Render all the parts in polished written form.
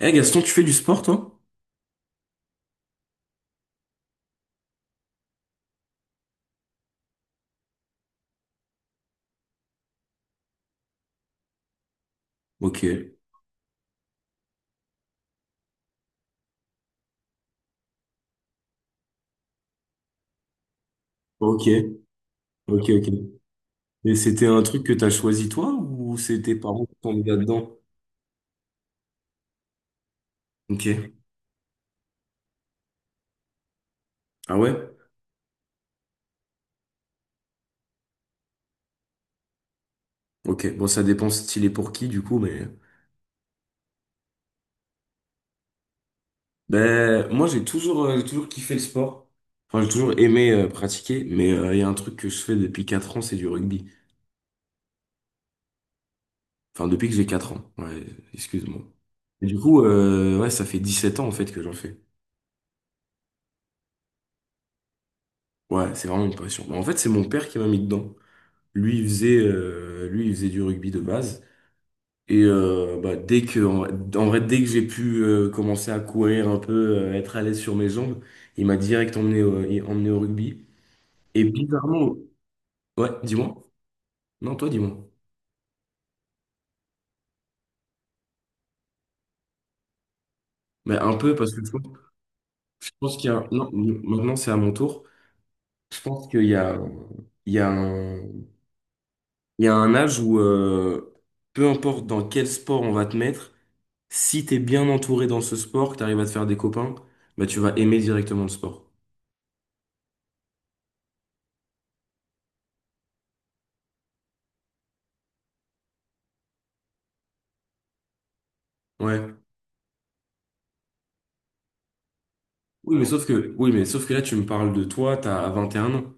Eh Gaston, tu fais du sport, toi? Ok, ok, ok, ok. Et c'était un truc que t'as choisi toi ou c'est tes parents qui t'ont mis là-dedans? Ok. Ah ouais? Ok. Bon, ça dépend style et pour qui, du coup, mais. Ben, moi, j'ai toujours kiffé le sport. Enfin, j'ai toujours aimé pratiquer, mais il y a un truc que je fais depuis 4 ans, c'est du rugby. Enfin, depuis que j'ai 4 ans. Ouais, excuse-moi. Et du coup, ouais, ça fait 17 ans, en fait, que j'en fais. Ouais, c'est vraiment une passion. Ben, en fait, c'est mon père qui m'a mis dedans. Lui, il faisait du rugby de base. Et bah, dès que, en, en vrai, dès que j'ai pu commencer à courir un peu, être à l'aise sur mes jambes, il m'a direct emmené au rugby. Et bizarrement, ouais, dis-moi. Non, toi, dis-moi. Mais un peu parce que je pense qu'il y a, non, maintenant c'est à mon tour. Je pense qu'il y a, il y a un, il y a un âge où, peu importe dans quel sport on va te mettre, si t'es bien entouré dans ce sport, que t'arrives à te faire des copains, bah tu vas aimer directement le sport. Ouais. Oui, mais sauf que là, tu me parles de toi, t'as 21 ans.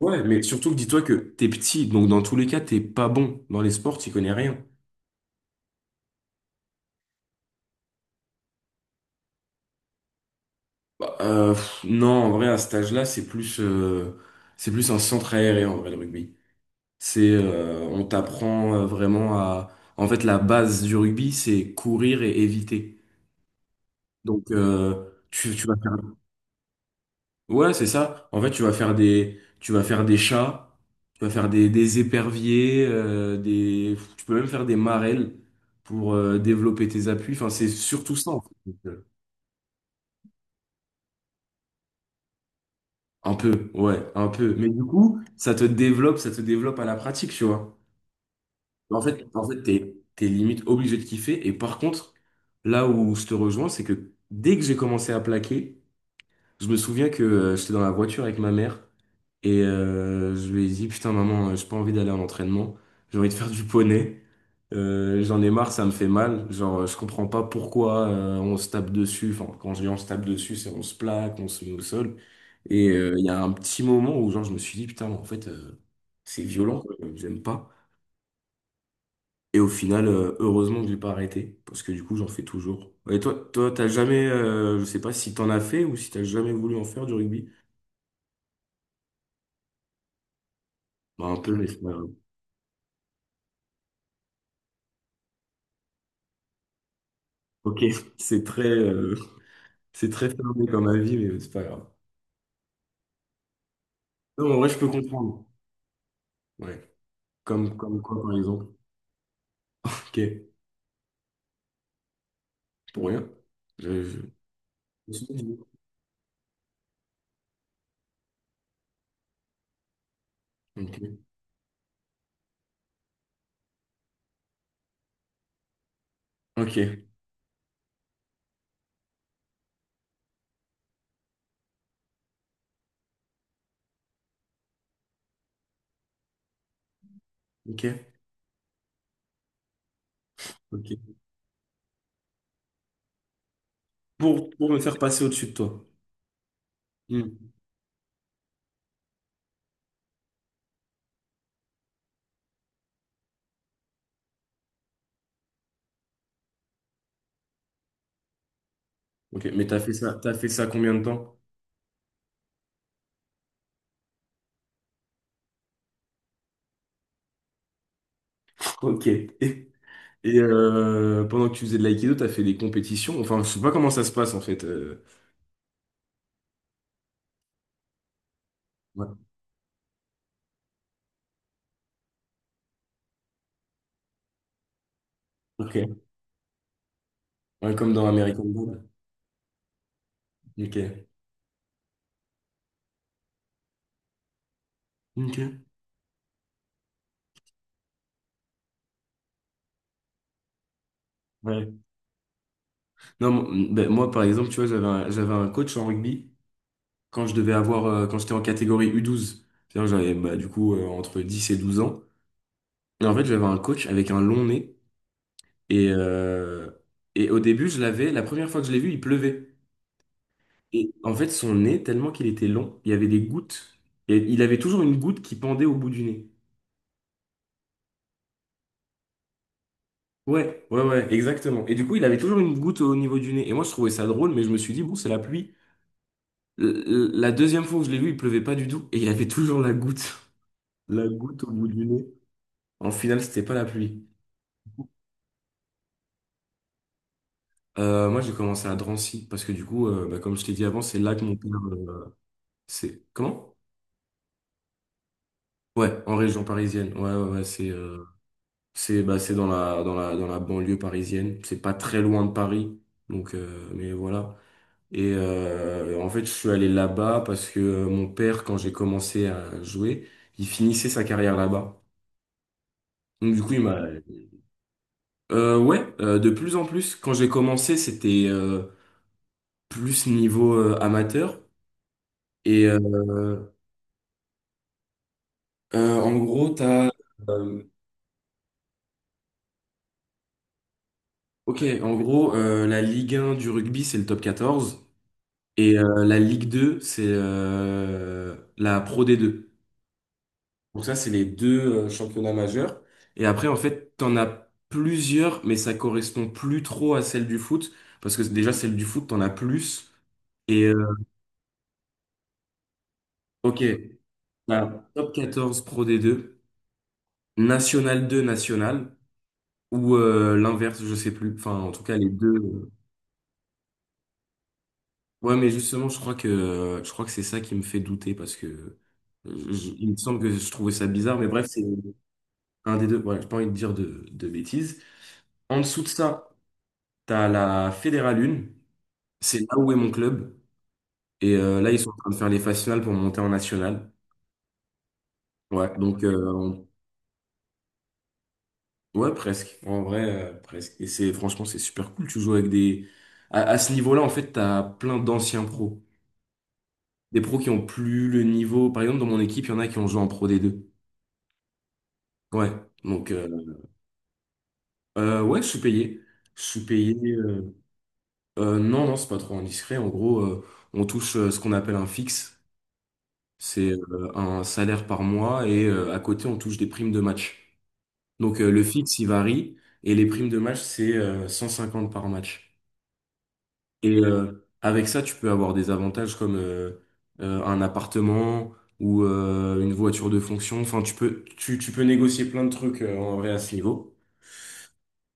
Ouais, mais surtout que dis-toi que t'es petit, donc dans tous les cas, t'es pas bon. Dans les sports, t'y connais rien. Bah, pff, non, en vrai, à cet âge-là, c'est plus un centre aéré, en vrai, le rugby. On t'apprend vraiment à, en fait, la base du rugby, c'est courir et éviter. Donc, tu vas faire. Ouais, c'est ça. En fait, tu vas faire des chats, tu vas faire des éperviers, tu peux même faire des marelles pour développer tes appuis. Enfin, c'est surtout ça, en fait. Un peu, ouais, un peu. Mais du coup, ça te développe à la pratique, tu vois. En fait, t'es limite obligé de kiffer. Et par contre, là où je te rejoins, c'est que dès que j'ai commencé à plaquer, je me souviens que j'étais dans la voiture avec ma mère et je lui ai dit, putain maman, j'ai pas envie d'aller en entraînement, j'ai envie de faire du poney. J'en ai marre, ça me fait mal. Genre, je comprends pas pourquoi on se tape dessus. Enfin, quand je dis on se tape dessus, c'est on se plaque, on se met au sol. Et il y a un petit moment où genre je me suis dit, putain, en fait, c'est violent, quoi, j'aime pas. Et au final, heureusement que j'ai pas arrêté, parce que du coup, j'en fais toujours. Et toi, t'as jamais, je sais pas si t'en as fait ou si t'as jamais voulu en faire du rugby. Bah, un peu, mais c'est pas grave. Ok, c'est très, euh, c'est très fermé comme avis, mais c'est pas grave. Non, en vrai, je peux comprendre. Ouais. Comme quoi, par exemple? Ok, pour rien. Je me suis dit. Ok, ok, ok. Ok. Pour me faire passer au-dessus de toi. Hmm. Ok, mais t'as fait ça combien de temps? Ok. Et pendant que tu faisais de l'aïkido, t'as fait des compétitions. Enfin, je sais pas comment ça se passe en fait. Ouais. Ok. Ouais, comme dans American Dad. Ok. Ok. Ouais. Non, ben, moi, par exemple, tu vois, j'avais un coach en rugby quand je devais avoir, quand j'étais en catégorie U12. C'est-à-dire, j'avais, bah, du coup, entre 10 et 12 ans. Et en fait, j'avais un coach avec un long nez. Et, euh, et au début, je l'avais, la première fois que je l'ai vu, il pleuvait. Et en fait, son nez, tellement qu'il était long, il y avait des gouttes. Et il avait toujours une goutte qui pendait au bout du nez. Ouais, ouais, ouais, exactement. Et du coup, il avait toujours une goutte au niveau du nez. Et moi, je trouvais ça drôle, mais je me suis dit, bon, c'est la pluie. La deuxième fois où je l'ai vu, il pleuvait pas du tout et il avait toujours la goutte. La goutte au bout du nez. En finale, c'était pas la pluie. Moi, j'ai commencé à Drancy parce que du coup, bah, comme je t'ai dit avant, c'est là que mon père, c'est comment? Ouais, en région parisienne. Ouais, ouais, ouais, c'est dans la banlieue parisienne. C'est pas très loin de Paris, donc mais voilà. Et en fait, je suis allé là-bas parce que mon père, quand j'ai commencé à jouer, il finissait sa carrière là-bas. Donc du coup, il m'a ouais, de plus en plus. Quand j'ai commencé, c'était plus niveau amateur. Et en gros, t'as... euh, ok, en gros, la Ligue 1 du rugby, c'est le top 14. Et la Ligue 2 c'est la Pro D2. Donc ça, c'est les deux championnats majeurs. Et après, en fait, t'en as plusieurs, mais ça correspond plus trop à celle du foot. Parce que déjà, celle du foot, t'en as plus. Et ok, t'as top 14, Pro D2, National 2, National. Ou l'inverse, je sais plus. Enfin, en tout cas, les deux. Ouais, mais justement, je crois que c'est ça qui me fait douter parce que il me semble que je trouvais ça bizarre, mais bref, c'est un des deux. Voilà, j'ai pas envie de dire de bêtises. En dessous de ça, t'as la Fédérale 1. C'est là où est mon club. Et là, ils sont en train de faire les phases finales pour monter en national. Ouais, donc ouais, presque. En vrai, presque. Et c'est franchement, c'est super cool. Tu joues avec des. À ce niveau-là, en fait, t'as plein d'anciens pros. Des pros qui ont plus le niveau. Par exemple, dans mon équipe, il y en a qui ont joué en Pro D2. Ouais. Donc, ouais, je suis payé. Je suis payé. Non, non, c'est pas trop indiscret. En gros, on touche ce qu'on appelle un fixe. C'est un salaire par mois et à côté, on touche des primes de match. Donc, le fixe, il varie et les primes de match, c'est 150 par match. Et avec ça, tu peux avoir des avantages comme un appartement ou une voiture de fonction. Enfin, tu peux négocier plein de trucs en vrai à ce niveau.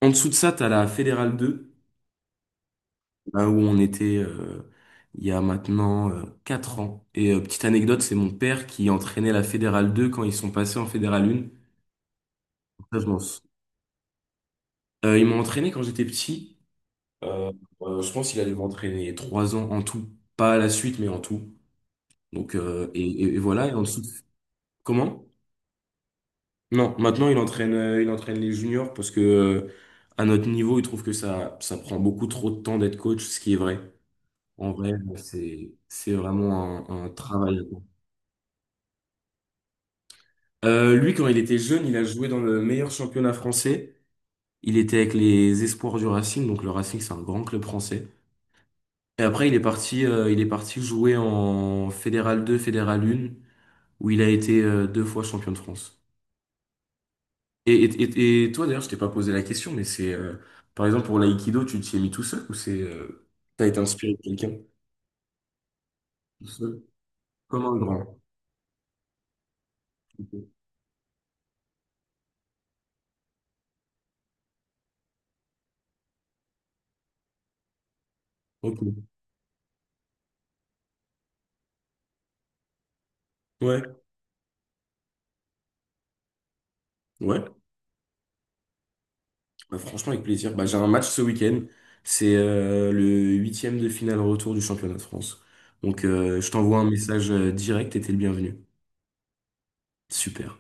En dessous de ça, tu as la Fédérale 2, là où on était il y a maintenant 4 ans. Et petite anecdote, c'est mon père qui entraînait la Fédérale 2 quand ils sont passés en Fédérale 1. Ça, je m'en sou- Ils m'ont entraîné quand j'étais petit. Euh, je pense qu'il a dû m'entraîner 3 ans en tout. Pas à la suite, mais en tout. Donc, et voilà. Et en dessous. Comment? Non, maintenant il entraîne les juniors parce que à notre niveau, il trouve que ça prend beaucoup trop de temps d'être coach, ce qui est vrai. En vrai, c'est vraiment un travail. Lui, quand il était jeune, il a joué dans le meilleur championnat français. Il était avec les Espoirs du Racing, donc le Racing, c'est un grand club français. Et après, il est parti jouer en Fédéral 2, Fédéral 1, où il a été deux fois champion de France. Et toi, d'ailleurs, je t'ai pas posé la question, mais c'est, par exemple, pour l'aïkido, tu t'y es mis tout seul ou c'est, t'as été inspiré de quelqu'un tout seul? Comme un grand. Ok. Ok. Ouais. Ouais. Bah, franchement, avec plaisir. Bah, j'ai un match ce week-end. C'est le huitième de finale retour du championnat de France. Donc, je t'envoie un message direct et t'es le bienvenu. Super.